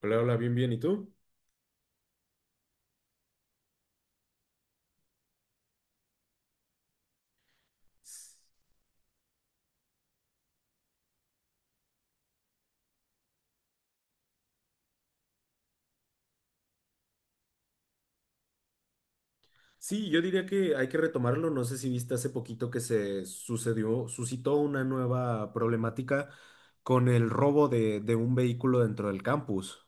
Hola, hola, bien, bien. ¿Y tú? Sí, yo diría que hay que retomarlo. No sé si viste hace poquito que suscitó una nueva problemática con el robo de un vehículo dentro del campus.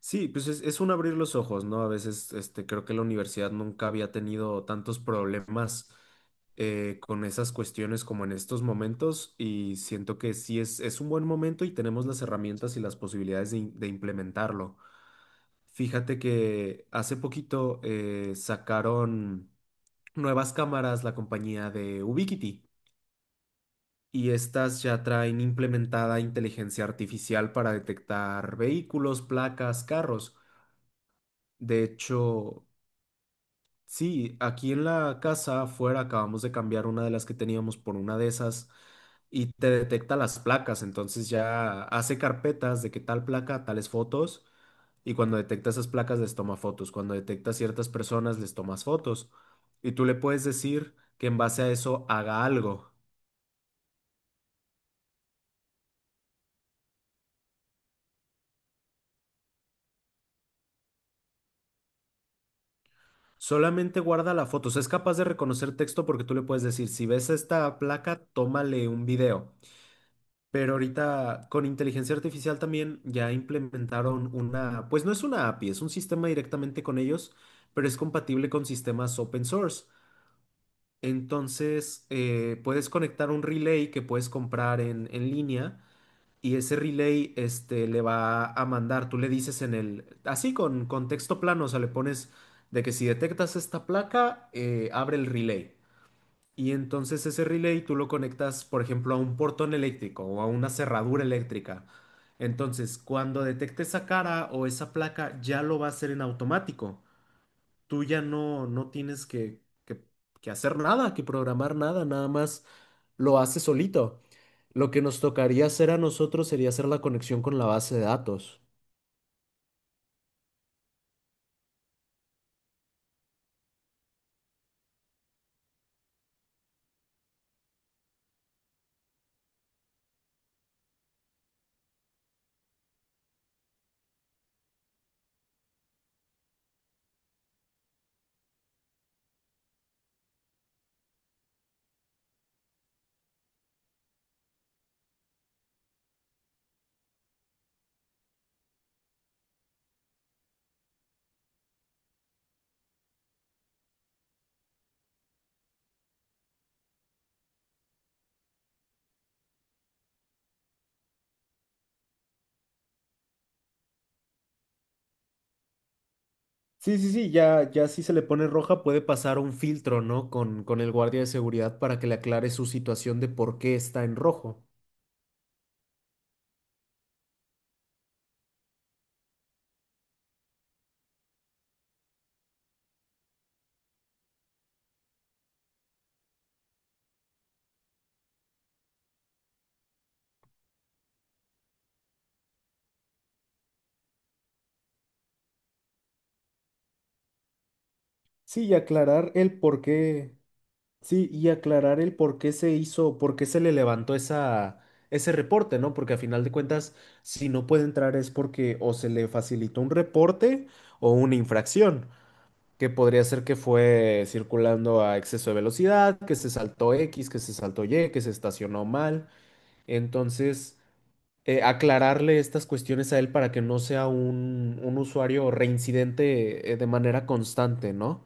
Sí, pues es un abrir los ojos, ¿no? A veces, este, creo que la universidad nunca había tenido tantos problemas con esas cuestiones como en estos momentos y siento que sí es un buen momento y tenemos las herramientas y las posibilidades de implementarlo. Fíjate que hace poquito sacaron nuevas cámaras la compañía de Ubiquiti y estas ya traen implementada inteligencia artificial para detectar vehículos, placas, carros. De hecho, sí, aquí en la casa afuera acabamos de cambiar una de las que teníamos por una de esas y te detecta las placas, entonces ya hace carpetas de que tal placa, tales fotos. Y cuando detecta esas placas, les toma fotos. Cuando detecta ciertas personas, les tomas fotos. Y tú le puedes decir que en base a eso haga algo. Solamente guarda la foto. O sea, es capaz de reconocer texto porque tú le puedes decir, si ves esta placa, tómale un video. Pero ahorita con inteligencia artificial también ya implementaron una, pues no es una API, es un sistema directamente con ellos, pero es compatible con sistemas open source. Entonces, puedes conectar un relay que puedes comprar en línea y ese relay este, le va a mandar, tú le dices en el, así con texto plano, o sea, le pones de que si detectas esta placa, abre el relay. Y entonces ese relay tú lo conectas, por ejemplo, a un portón eléctrico o a una cerradura eléctrica. Entonces, cuando detecte esa cara o esa placa, ya lo va a hacer en automático. Tú ya no tienes que hacer nada, que programar nada, nada más lo hace solito. Lo que nos tocaría hacer a nosotros sería hacer la conexión con la base de datos. Sí, sí, sí, ya, ya si se le pone roja puede pasar un filtro, ¿no? Con el guardia de seguridad para que le aclare su situación de por qué está en rojo. Sí, y aclarar el por qué. Sí, y aclarar el por qué se hizo, por qué se le levantó ese reporte, ¿no? Porque a final de cuentas, si no puede entrar es porque o se le facilitó un reporte o una infracción, que podría ser que fue circulando a exceso de velocidad, que se saltó X, que se saltó Y, que se estacionó mal. Entonces, aclararle estas cuestiones a él para que no sea un usuario reincidente, de manera constante, ¿no?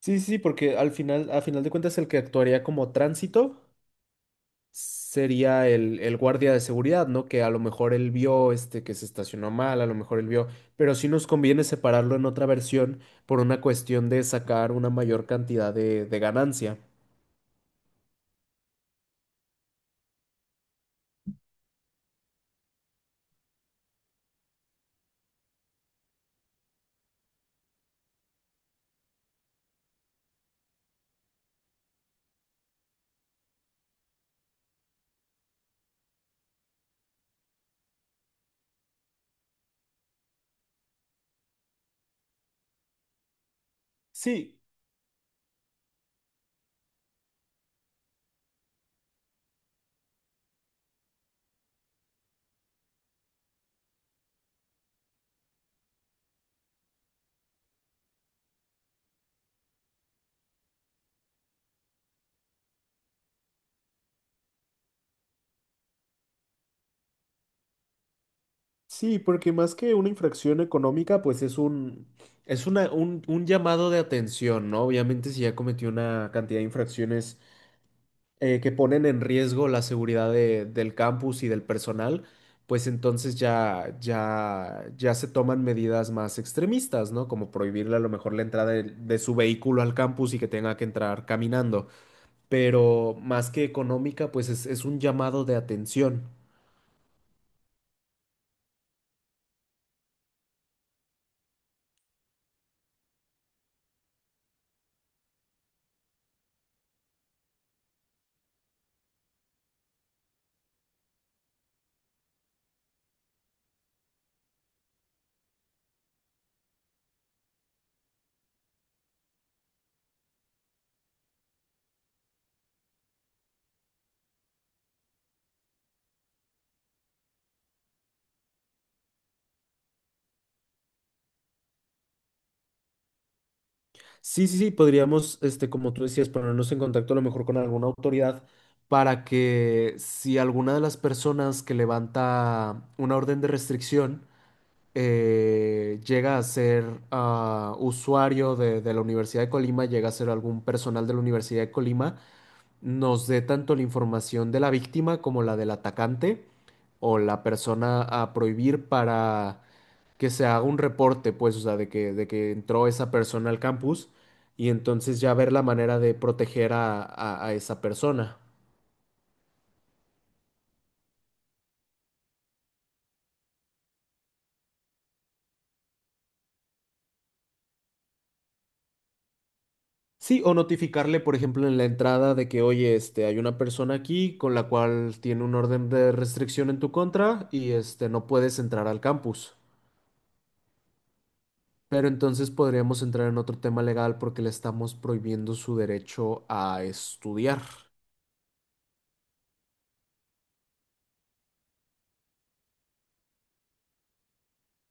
Sí, sí, sí, porque al final, a final de cuentas, el que actuaría como tránsito sería el guardia de seguridad, ¿no? Que a lo mejor él vio este que se estacionó mal, a lo mejor él vio, pero sí nos conviene separarlo en otra versión por una cuestión de sacar una mayor cantidad de ganancia. Sí, sí, porque más que una infracción económica, pues es una, un llamado de atención, ¿no? Obviamente, si ya cometió una cantidad de infracciones que ponen en riesgo la seguridad del campus y del personal, pues entonces ya, ya, ya se toman medidas más extremistas, ¿no? Como prohibirle a lo mejor la entrada de su vehículo al campus y que tenga que entrar caminando. Pero más que económica, pues es un llamado de atención. Sí, sí, sí, podríamos, este, como tú decías, ponernos en contacto a lo mejor con alguna autoridad para que si alguna de las personas que levanta una orden de restricción llega a ser usuario de la Universidad de Colima, llega a ser algún personal de la Universidad de Colima, nos dé tanto la información de la víctima como la del atacante o la persona a prohibir para que se haga un reporte, pues, o sea, de que entró esa persona al campus y entonces ya ver la manera de proteger a a esa persona. Sí, o notificarle, por ejemplo, en la entrada de que, oye, este, hay una persona aquí con la cual tiene un orden de restricción en tu contra y este, no puedes entrar al campus. Pero entonces podríamos entrar en otro tema legal porque le estamos prohibiendo su derecho a estudiar.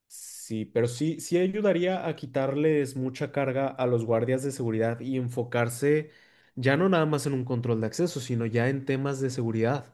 Sí, pero sí, sí ayudaría a quitarles mucha carga a los guardias de seguridad y enfocarse ya no nada más en un control de acceso, sino ya en temas de seguridad.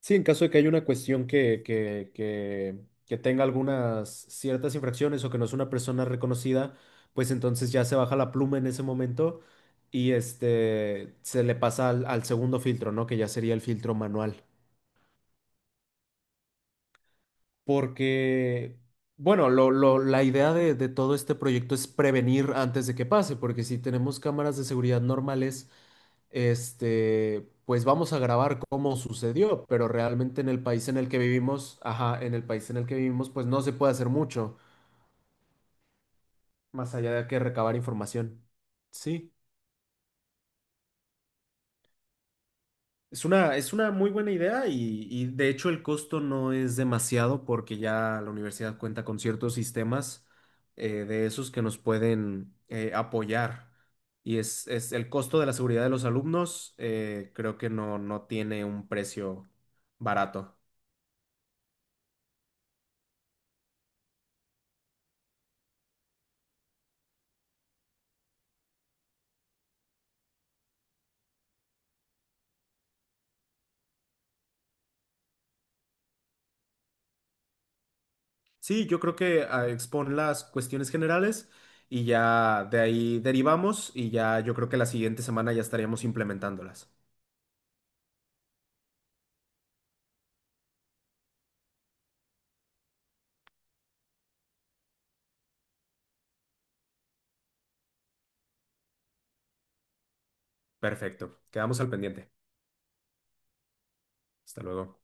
Sí, en caso de que haya una cuestión que tenga algunas ciertas infracciones o que no es una persona reconocida, pues entonces ya se baja la pluma en ese momento y este se le pasa al segundo filtro, ¿no? Que ya sería el filtro manual. Porque, bueno, la idea de todo este proyecto es prevenir antes de que pase, porque si tenemos cámaras de seguridad normales, este, pues vamos a grabar cómo sucedió, pero realmente en el país en el que vivimos, ajá, en el país en el que vivimos, pues no se puede hacer mucho, más allá de que recabar información. Sí, es una muy buena idea y de hecho el costo no es demasiado porque ya la universidad cuenta con ciertos sistemas de esos que nos pueden apoyar. Y es el costo de la seguridad de los alumnos, creo que no tiene un precio barato. Sí, yo creo que expon las cuestiones generales y ya de ahí derivamos y ya yo creo que la siguiente semana ya estaríamos implementándolas. Perfecto, quedamos al pendiente. Hasta luego.